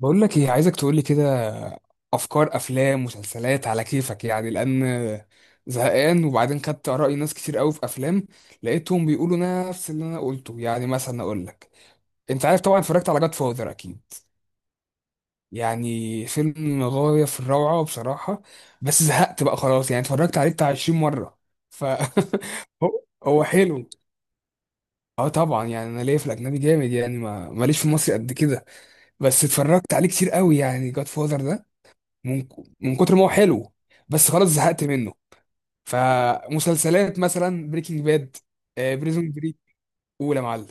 بقول لك ايه، عايزك تقول لي كده افكار افلام مسلسلات على كيفك، يعني لان زهقان. وبعدين خدت اراء ناس كتير قوي في افلام، لقيتهم بيقولوا نفس اللي انا قلته. يعني مثلا اقول لك، انت عارف طبعا اتفرجت على جاد فاذر اكيد، يعني فيلم غاية في الروعة بصراحة. بس زهقت بقى خلاص، يعني اتفرجت عليه بتاع 20 مرة. ف هو حلو. اه طبعا، يعني انا ليا في الاجنبي جامد، يعني ما ماليش في مصر قد كده. بس اتفرجت عليه كتير قوي يعني جاد فاذر من من كتر ما هو حلو، بس خلاص زهقت منه. فمسلسلات مثلا بريكنج باد، بريزون بريك، اولى معلم.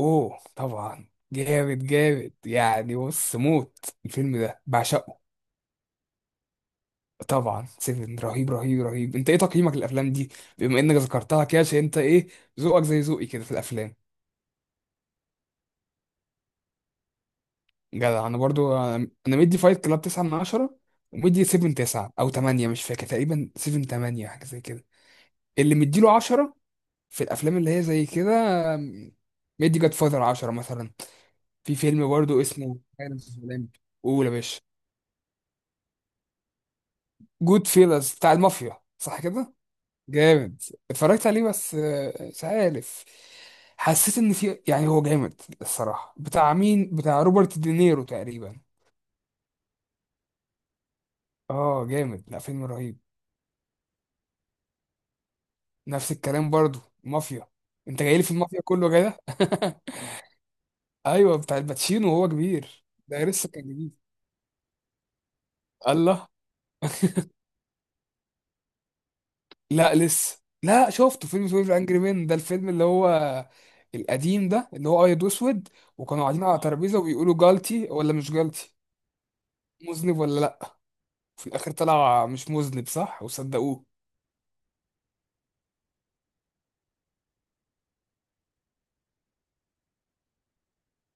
اوه طبعا، جامد جامد يعني، بص موت، الفيلم ده بعشقه. طبعا سيفن رهيب رهيب رهيب. انت ايه تقييمك للافلام دي؟ بما انك ذكرتها كده، عشان انت ايه، ذوقك زي ذوقي كده في الافلام. جدع، انا مدي فايت كلاب 9 من 10، ومدي 7 9 او 8 مش فاكر، تقريبا 7 8 حاجه زي كده. اللي مديله 10 في الافلام اللي هي زي كده، آم، مدي جاد فاذر 10 مثلا. في فيلم برضو اسمه سايلنس اوف لامب. قول يا باشا. جود فيلز بتاع المافيا صح كده؟ جامد. اتفرجت عليه بس مش عارف، حسيت ان في يعني، هو جامد الصراحه، بتاع مين، بتاع روبرت دينيرو تقريبا. اه جامد، لا فيلم رهيب. نفس الكلام، برضو مافيا. انت جاي لي في المافيا كله كده. ايوه، بتاع الباتشينو وهو كبير، ده لسه كان جديد. الله. لا لسه، لا شفته فيلم 12 انجري مان، ده الفيلم اللي هو القديم ده اللي هو ابيض واسود، وكانوا قاعدين على ترابيزه وبيقولوا جالتي ولا مش جالتي، مذنب ولا لا. في الاخر طلع مش مذنب صح وصدقوه.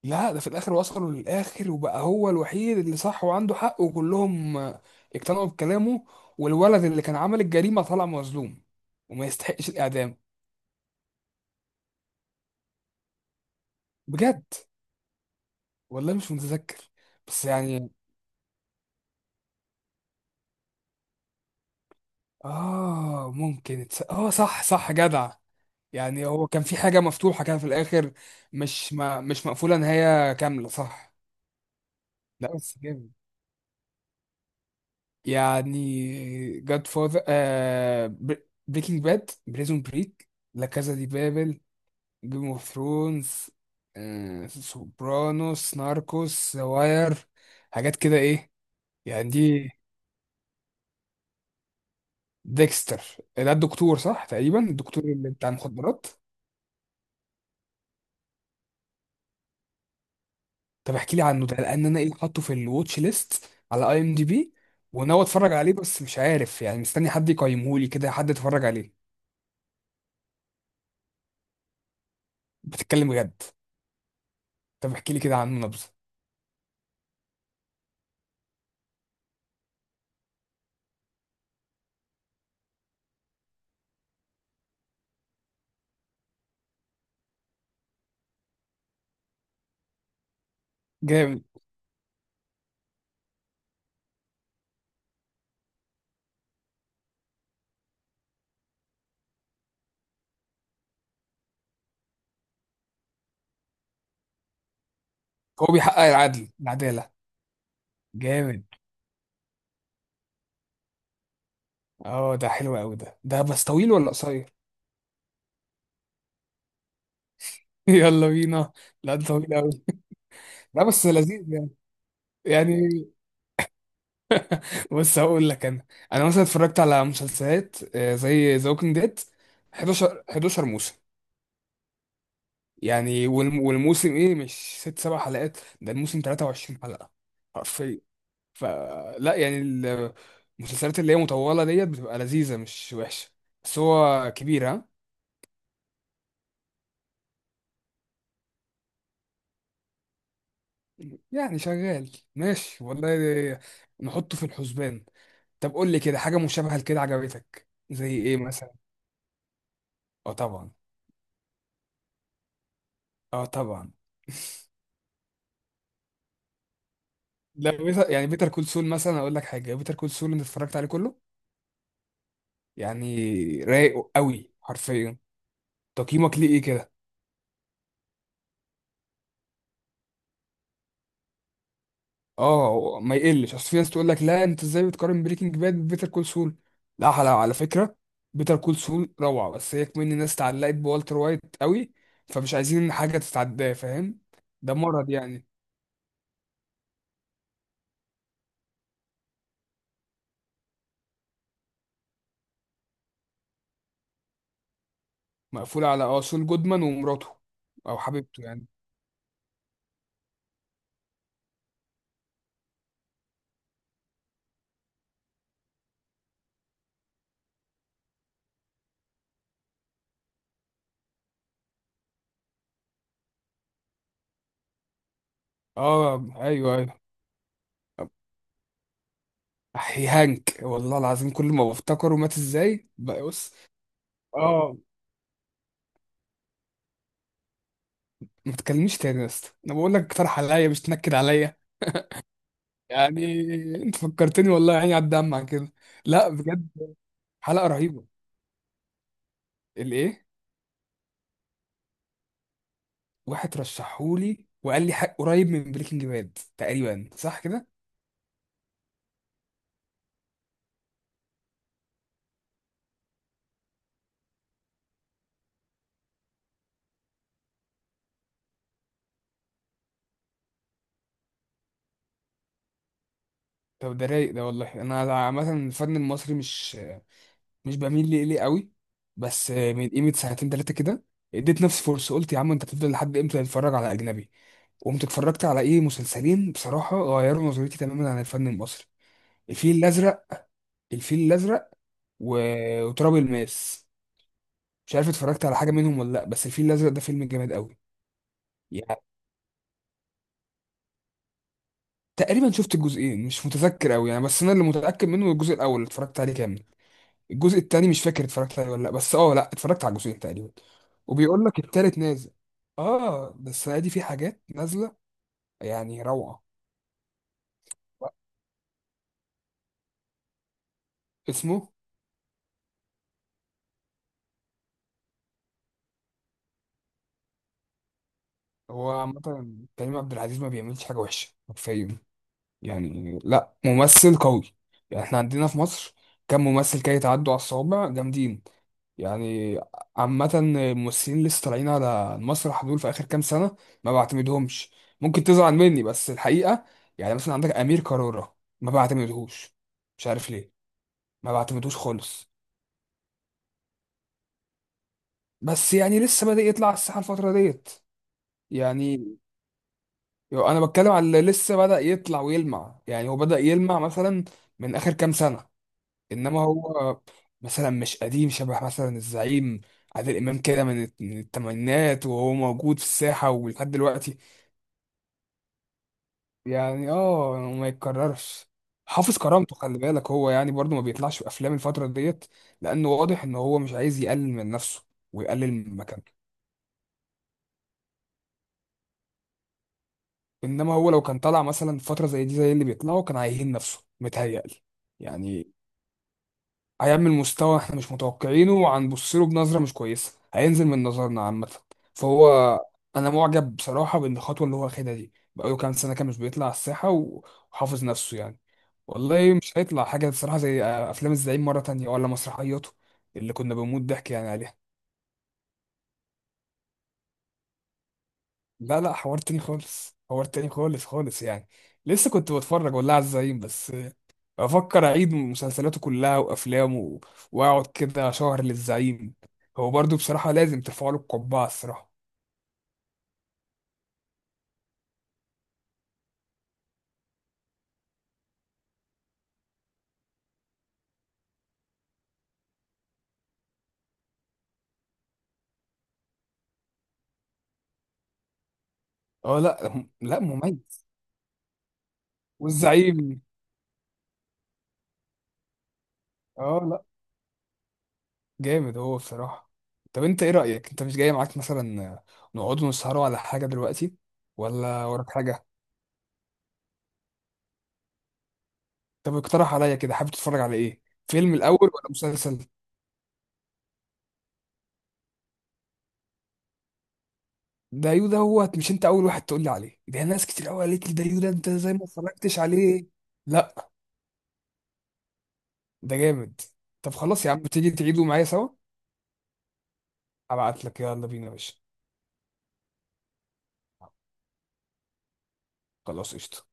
لا، ده في الاخر وصلوا للاخر، وبقى هو الوحيد اللي صح وعنده حق، وكلهم اقتنعوا بكلامه، والولد اللي كان عمل الجريمه طلع مظلوم وما يستحقش الاعدام. بجد؟ والله مش متذكر. بس يعني، اه صح صح، جدع. يعني هو كان في حاجة مفتوحة كده في الآخر، مش مقفولة نهاية كاملة صح. لا بس جامد، يعني جاد فاذر بريكنج باد بريزون بريك، لا كازا دي بابل، جيم اوف ثرونز، سوبرانوس ناركوس واير، حاجات كده ايه. يعني دي ديكستر، ده الدكتور صح تقريبا، الدكتور اللي بتاع المخدرات. طب احكي لي عنه ده، لان انا ايه، حاطه في الواتش ليست على اي ام دي بي، وناوي اتفرج عليه، بس مش عارف يعني، مستني حد يقيمه لي كده، حد يتفرج عليه. بتتكلم بجد؟ طب احكي لي كده عنه نبذه. جامد. هو بيحقق العدل، العداله. جامد، اه ده حلو قوي ده بس طويل ولا قصير؟ يلا بينا. لا ده طويل قوي. لا بس لذيذ يعني. يعني بص، هقول لك انا مثلا اتفرجت على مسلسلات زي ذا ووكينج ديد، 11 موسم. يعني والموسم ايه، مش ست سبع حلقات، ده الموسم 23 حلقة حرفيا. فلا يعني، المسلسلات اللي هي مطولة ديت بتبقى لذيذة، مش وحشة، بس هو كبير ها. يعني شغال ماشي والله، نحطه في الحسبان. طب قول لي كده حاجة مشابهة لكده عجبتك زي ايه مثلا؟ اه طبعا. اه طبعا. لا بيتر، يعني بيتر كول سول مثلا، اقول لك حاجة، بيتر كول سول انت اتفرجت عليه كله يعني، رايق قوي حرفيا. تقييمك ليه ايه كده؟ اه ما يقلش، اصل في ناس تقول لك لا انت ازاي بتقارن بريكنج باد ببيتر كول سول. لا، على فكره، بيتر كول سول روعه، بس هي كمان الناس اتعلقت بوالتر وايت قوي، فمش عايزين ان حاجه تتعداه، فاهم؟ ده مرض يعني. مقفول على اه سول جودمان ومراته، او حبيبته يعني. اه ايوه ايوه. احي، هانك والله العظيم كل ما بفتكره مات ازاي بقى، بص. اه. ما تكلمنيش تاني يا اسطى، انا بقول لك اقترح عليا، مش تنكد عليا يعني. انت فكرتني والله، عيني على الدمع عن كده. لا بجد حلقه رهيبه. الايه؟ واحد رشحهولي وقال لي حق، قريب من بريكنج باد تقريبا صح كده؟ طب ده رايق ده، والله انا عامه الفن المصري مش بميل ليه، ليه قوي، بس من قيمه سنتين ثلاثه كده اديت نفسي فرصه، قلت يا عم انت هتفضل لحد امتى تتفرج على اجنبي؟ قمت اتفرجت على ايه، مسلسلين بصراحه غيروا نظرتي تماما عن الفن المصري. الفيل الازرق الفيل الازرق و... وتراب الماس. مش عارف اتفرجت على حاجه منهم ولا لا، بس الفيل الازرق ده فيلم جامد قوي. يعني تقريبا شفت الجزئين، مش متذكر قوي يعني، بس انا اللي متاكد منه الجزء الاول اللي اتفرجت عليه كامل. الجزء التاني مش فاكر اتفرجت عليه ولا لا، بس اه لا اتفرجت على الجزئين تقريبا. وبيقول لك التالت نازل. اه ده السنه دي في حاجات نازله، يعني روعه. اسمه. هو عامه كريم عبد العزيز ما بيعملش حاجه وحشه حرفيا، يعني لا، ممثل قوي. يعني احنا عندنا في مصر كم ممثل كده يتعدوا على الصوابع جامدين يعني. عامة الممثلين اللي لسه طالعين على المسرح دول في آخر كام سنة ما بعتمدهمش، ممكن تزعل مني بس الحقيقة. يعني مثلا عندك أمير كرارة، ما بعتمدهوش، مش عارف ليه، ما بعتمدهوش خالص. بس يعني لسه بدأ يطلع على الساحة الفترة ديت. يعني أنا بتكلم على اللي لسه بدأ يطلع ويلمع، يعني هو بدأ يلمع مثلا من آخر كام سنة. انما هو مثلا مش قديم شبه مثلا الزعيم. عادل امام كده من التمانينات وهو موجود في الساحه ولحد دلوقتي يعني، اه ما يتكررش. حافظ كرامته، خلي بالك هو يعني برضو ما بيطلعش في افلام الفتره ديت، لانه واضح ان هو مش عايز يقلل من نفسه ويقلل من مكانته. انما هو لو كان طلع مثلا في فتره زي دي زي اللي بيطلعوا كان هيهين نفسه متهيألي، يعني هيعمل مستوى احنا مش متوقعينه، وهنبص له بنظره مش كويسه، هينزل من نظرنا عامه. فهو انا معجب بصراحه بالخطوه اللي هو واخدها دي، بقاله كام سنه كان مش بيطلع على الساحه وحافظ نفسه يعني. والله مش هيطلع حاجه بصراحه زي افلام الزعيم مره تانية، ولا مسرحياته اللي كنا بنموت ضحك يعني عليها. لا لا، حوار تاني خالص، حوار تاني خالص خالص يعني. لسه كنت بتفرج والله على الزعيم، بس افكر اعيد مسلسلاته كلها وافلامه واقعد كده شهر للزعيم. هو برضو بصراحه لازم ترفع له القبعه الصراحه. اه لا لا مميز. والزعيم. اه لا جامد هو بصراحه. طب انت ايه رايك، انت مش جاي معاك مثلا نقعد نسهروا على حاجه دلوقتي ولا وراك حاجه؟ طب اقترح عليا كده، حابب تتفرج على ايه، فيلم الاول ولا مسلسل؟ دايو ده، يو دوت، مش انت اول واحد تقول لي عليه ده، ناس كتير قوي قالت لي ده يو ده، انت زي ما اتفرجتش عليه. لا ده جامد. طب خلاص يا عم، تيجي تعيدوا معايا سوا؟ ابعت لك، يلا بينا يا باشا. خلاص قشطة.